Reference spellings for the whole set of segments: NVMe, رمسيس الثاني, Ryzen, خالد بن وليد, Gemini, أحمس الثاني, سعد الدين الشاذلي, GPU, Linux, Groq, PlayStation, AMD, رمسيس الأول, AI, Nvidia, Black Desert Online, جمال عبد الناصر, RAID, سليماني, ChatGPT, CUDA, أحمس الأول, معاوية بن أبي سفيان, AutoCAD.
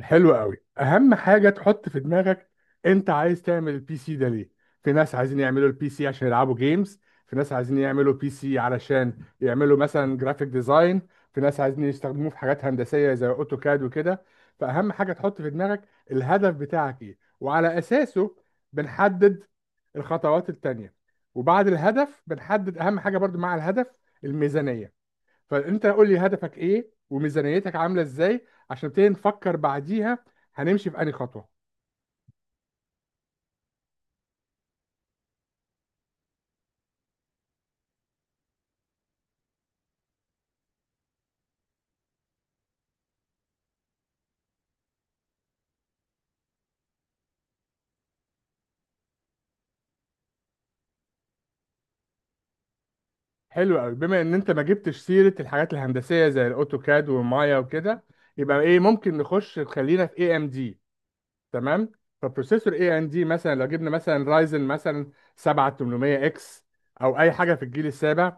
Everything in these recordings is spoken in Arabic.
حلو قوي. اهم حاجه تحط في دماغك، انت عايز تعمل البي سي ده ليه؟ في ناس عايزين يعملوا البي سي عشان يلعبوا جيمز، في ناس عايزين يعملوا بي سي علشان يعملوا مثلا جرافيك ديزاين، في ناس عايزين يستخدموه في حاجات هندسيه زي اوتوكاد وكده. فاهم؟ حاجه تحط في دماغك: الهدف بتاعك ايه؟ وعلى اساسه بنحدد الخطوات التانيه. وبعد الهدف بنحدد اهم حاجه برضو مع الهدف، الميزانيه. فانت قول لي هدفك ايه وميزانيتك عامله ازاي عشان نبتدي نفكر بعديها هنمشي في انهي خطوه. حلو قوي، بما ان انت ما جبتش سيره الحاجات الهندسيه زي الاوتوكاد والمايا وكده، يبقى ايه ممكن نخش، خلينا في اي ام دي. تمام. فبروسيسور اي ام دي، مثلا لو جبنا مثلا رايزن مثلا 7800 اكس، او اي حاجه في الجيل السابع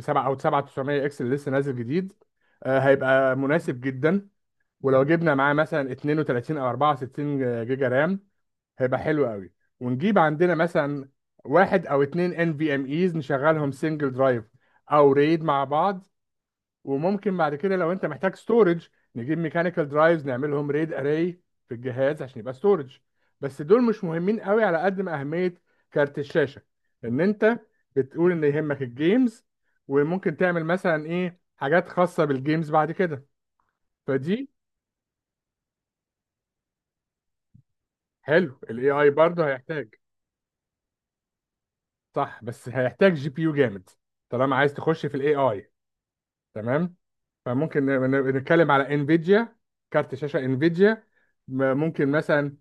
7، او 7900 اكس اللي لسه نازل جديد، هيبقى مناسب جدا. ولو جبنا معاه مثلا 32 او 64 جيجا رام، هيبقى حلو قوي. ونجيب عندنا مثلا واحد او اتنين ان في ام ايز نشغلهم سنجل درايف او ريد مع بعض. وممكن بعد كده لو انت محتاج ستورج، نجيب ميكانيكال درايفز نعملهم ريد اري في الجهاز عشان يبقى ستورج. بس دول مش مهمين قوي على قد ما اهمية كارت الشاشة، ان انت بتقول ان يهمك الجيمز وممكن تعمل مثلا ايه حاجات خاصة بالجيمز بعد كده. فدي حلو، الاي اي برضه هيحتاج. صح، بس هيحتاج جي بي يو جامد طالما عايز تخش في الاي اي. تمام. فممكن نتكلم على انفيديا، كارت شاشه انفيديا. ممكن مثلا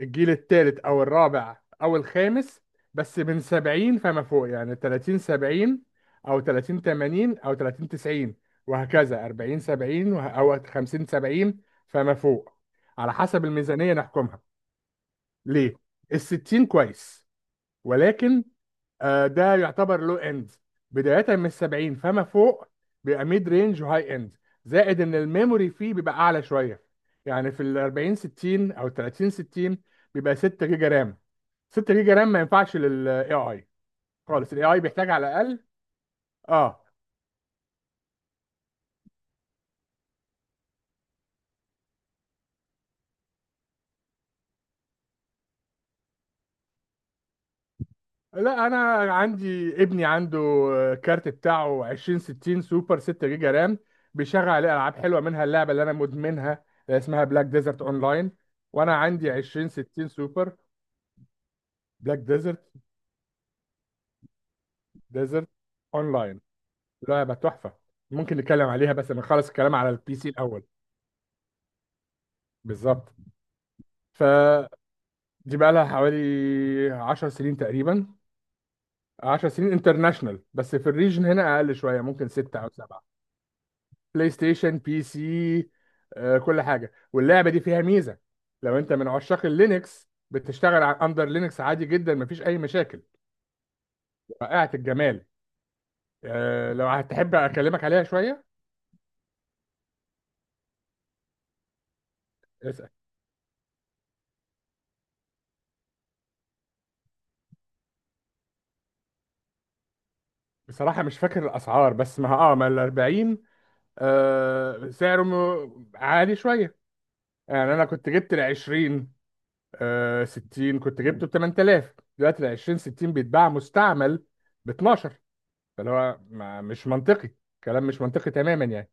الجيل الثالث او الرابع او الخامس، بس من 70 فما فوق، يعني 30 70 او 30 80 او 30 90، وهكذا 40 70 او 50 70 فما فوق، على حسب الميزانية نحكمها. ليه؟ الستين كويس، ولكن ده يعتبر لو اند. بداية من 70 فما فوق بيبقى ميد رينج وهاي اند، زائد ان الميموري فيه بيبقى اعلى شوية. يعني في ال 40 60 او 30 60 بيبقى 6 جيجا رام. 6 جيجا رام ما ينفعش للاي اي خالص، الاي اي بيحتاج على الاقل. اه لا، انا عندي ابني عنده كارت بتاعه 20 60 سوبر 6 جيجا رام، بيشغل عليه العاب حلوه، منها اللعبه اللي انا مدمنها اللي اسمها بلاك ديزرت اونلاين، وانا عندي 20 60 سوبر. بلاك ديزرت. ديزرت اونلاين، لعبه تحفه. ممكن نتكلم عليها بس نخلص الكلام على البي سي الاول. بالظبط. فدي بقى لها حوالي 10 سنين تقريبا، 10 سنين انترناشونال، بس في الريجن هنا اقل شويه، ممكن 6 او 7. بلاي ستيشن؟ بي سي، كل حاجه. واللعبه دي فيها ميزه: لو انت من عشاق اللينكس، بتشتغل على اندر لينكس عادي جدا، مفيش اي مشاكل. رائعه الجمال. لو هتحب اكلمك عليها شويه. بصراحة مش فاكر الأسعار، بس ما ما ال 40، آه سعره عالي شوية. يعني أنا كنت جبت ال 20، آه 60، كنت جبته ب 8000. دلوقتي ال 20 60 بيتباع مستعمل ب 12. فاللي هو ما مش منطقي، كلام مش منطقي تماما يعني.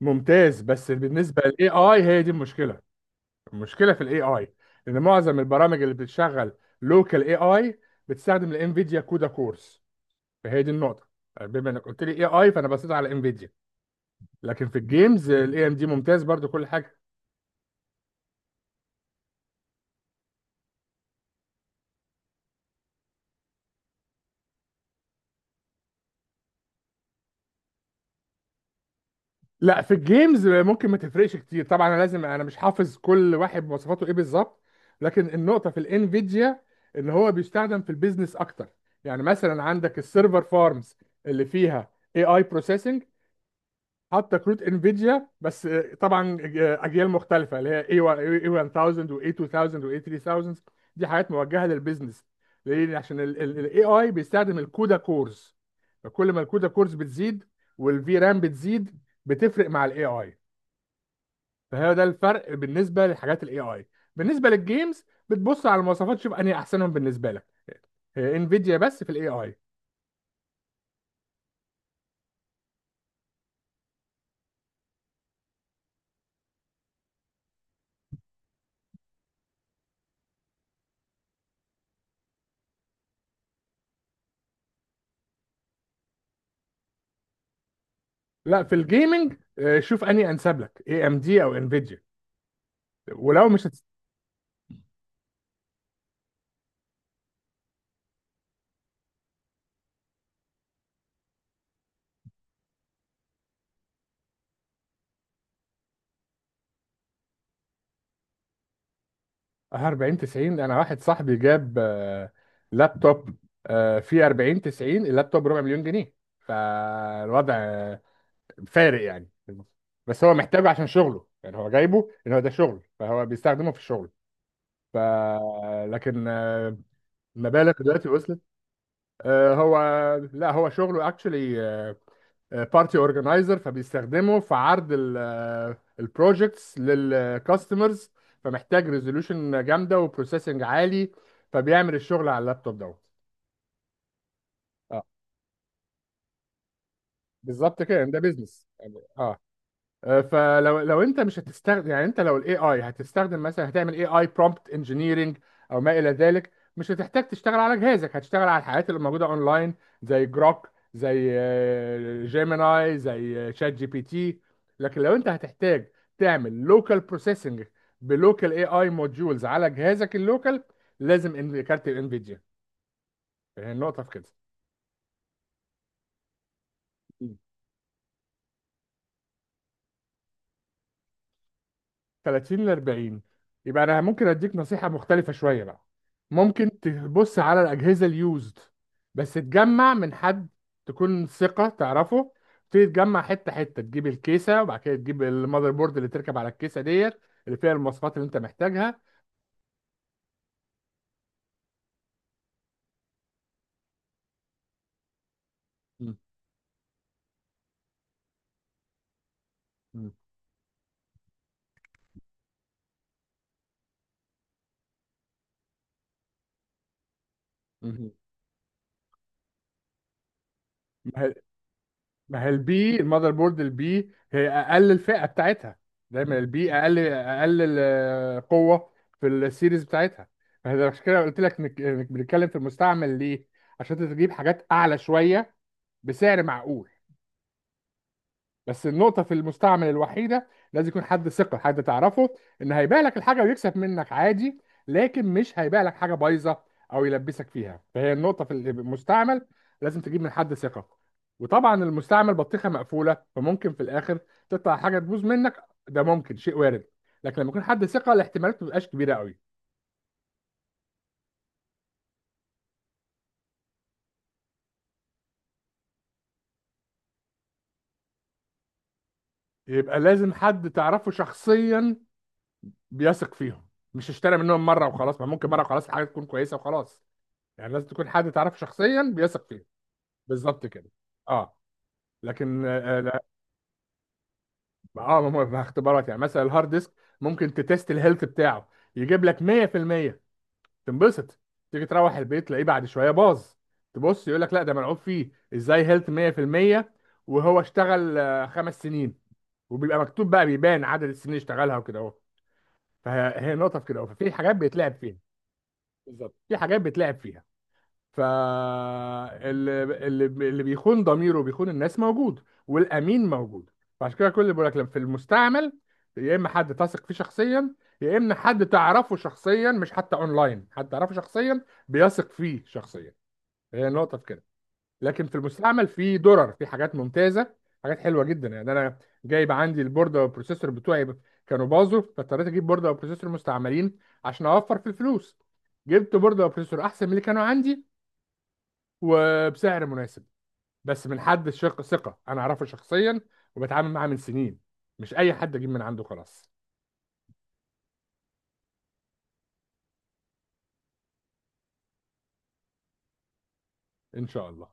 ممتاز، بس بالنسبة للاي اي هي دي المشكلة. المشكلة في الاي اي إن معظم البرامج اللي بتشغل لوكال اي اي بتستخدم الانفيديا كودا كورس. فهي دي النقطة. بما انك قلت لي اي اي، فانا بصيت على انفيديا. لكن في الجيمز الاي ام دي ممتاز برضو، كل حاجه. لا، في الجيمز ممكن ما تفرقش كتير طبعا. انا لازم، انا مش حافظ كل واحد مواصفاته ايه بالظبط. لكن النقطه في الانفيديا ان هو بيستخدم في البيزنس اكتر. يعني مثلا عندك السيرفر فارمز اللي فيها اي اي حاطه كروت انفيديا بس، طبعا اجيال مختلفه، اللي هي اي 1000 واي 2000 واي 3000، دي حاجات موجهه للبيزنس. ليه؟ عشان الاي اي بيستخدم الكودا كورز، فكل ما الكودا كورز بتزيد والفي رام بتزيد، بتفرق مع الاي اي. فهو ده الفرق بالنسبه لحاجات الاي اي. بالنسبه للجيمز بتبص على المواصفات، تشوف انهي احسنهم بالنسبه لك. انفيديا بس في الاي اي. لا، في الجيمنج شوف انهي انسب لك، اي ام دي او انفيديا. ولو مش هتست... 40 90، انا واحد صاحبي جاب لابتوب فيه 40 90. اللابتوب ربع مليون جنيه، فالوضع فارق يعني. بس هو محتاجه عشان شغله، يعني هو جايبه ان هو ده شغل فهو بيستخدمه في الشغل. ف لكن مبالغ دلوقتي وصلت. هو، لا هو شغله اكشلي بارتي اورجنايزر، فبيستخدمه في عرض البروجكتس للكاستمرز، فمحتاج ريزولوشن جامده وبروسيسنج عالي، فبيعمل الشغل على اللابتوب دوت. اه، بالظبط كده، ده بيزنس يعني. اه فلو انت مش هتستخدم، يعني انت لو الاي اي هتستخدم مثلا، هتعمل اي اي برومبت انجينيرنج او ما الى ذلك، مش هتحتاج تشتغل على جهازك، هتشتغل على الحاجات اللي موجوده اونلاين زي جروك، زي جيميناي، زي شات جي بي تي. لكن لو انت هتحتاج تعمل لوكال بروسيسنج بلوكال اي اي موديولز على جهازك اللوكال، لازم كارت الانفيديا، هي النقطه في كده. 30 ل 40؟ يبقى انا ممكن اديك نصيحه مختلفه شويه بقى. ممكن تبص على الاجهزه اليوزد، بس تجمع من حد تكون ثقه تعرفه. تبتدي تجمع حته حته، تجيب الكيسه، وبعد كده تجيب المذر بورد اللي تركب على الكيسه ديت اللي فيها المواصفات اللي انت محتاجها. مم. مم. مم. ما هي البي، المذر بورد البي، هي اقل الفئه بتاعتها. دايما البي اقل، قوه في السيريز بتاعتها. فده عشان كده قلت لك إنك بنتكلم في المستعمل. ليه؟ عشان تجيب حاجات اعلى شويه بسعر معقول. بس النقطة في المستعمل الوحيدة، لازم يكون حد ثقة، حد تعرفه، إن هيبيع لك الحاجة ويكسب منك عادي، لكن مش هيبيع لك حاجة بايظة أو يلبسك فيها. فهي النقطة في المستعمل، لازم تجيب من حد ثقة. وطبعا المستعمل بطيخة مقفولة، فممكن في الآخر تطلع حاجة تبوظ منك، ده ممكن شيء وارد، لكن لما يكون حد ثقة الاحتمالات ما بتبقاش كبيرة قوي. يبقى لازم حد تعرفه شخصيا بيثق فيهم، مش اشترى منهم مرة وخلاص، ما ممكن مرة وخلاص الحاجة تكون كويسة وخلاص. يعني لازم تكون حد تعرفه شخصيا بيثق فيه. بالظبط كده. اه، لكن لا، اه ما هو في اختبارات. يعني مثلا الهارد ديسك ممكن تتست الهيلث بتاعه، يجيب لك 100%، تنبسط، تيجي تروح البيت تلاقيه بعد شويه باظ، تبص يقول لك لا ده ملعوب فيه، ازاي هيلث 100% وهو اشتغل خمس سنين؟ وبيبقى مكتوب بقى، بيبان عدد السنين اللي اشتغلها وكده اهو. فهي نقطه في كده اهو، ففي حاجات بيتلعب فيها. بالظبط، في حاجات بيتلعب فيها. فاللي، اللي بيخون ضميره وبيخون الناس موجود، والامين موجود. فعشان كده كل اللي بيقول لك لما في المستعمل: يا اما حد تثق فيه شخصيا، يا اما حد تعرفه شخصيا، مش حتى اونلاين، حد تعرفه شخصيا بيثق فيه شخصيا. هي النقطه في كده. لكن في المستعمل في درر، في حاجات ممتازه، حاجات حلوه جدا يعني. انا جايب عندي البورده والبروسيسور بتوعي كانوا باظوا، فاضطريت اجيب بورده وبروسيسور مستعملين عشان اوفر في الفلوس. جبت بورده وبروسيسور احسن من اللي كانوا عندي وبسعر مناسب، بس من حد شق ثقة أنا أعرفه شخصيا وبتعامل معاه من سنين، مش أي حد أجيب من عنده خلاص. إن شاء الله.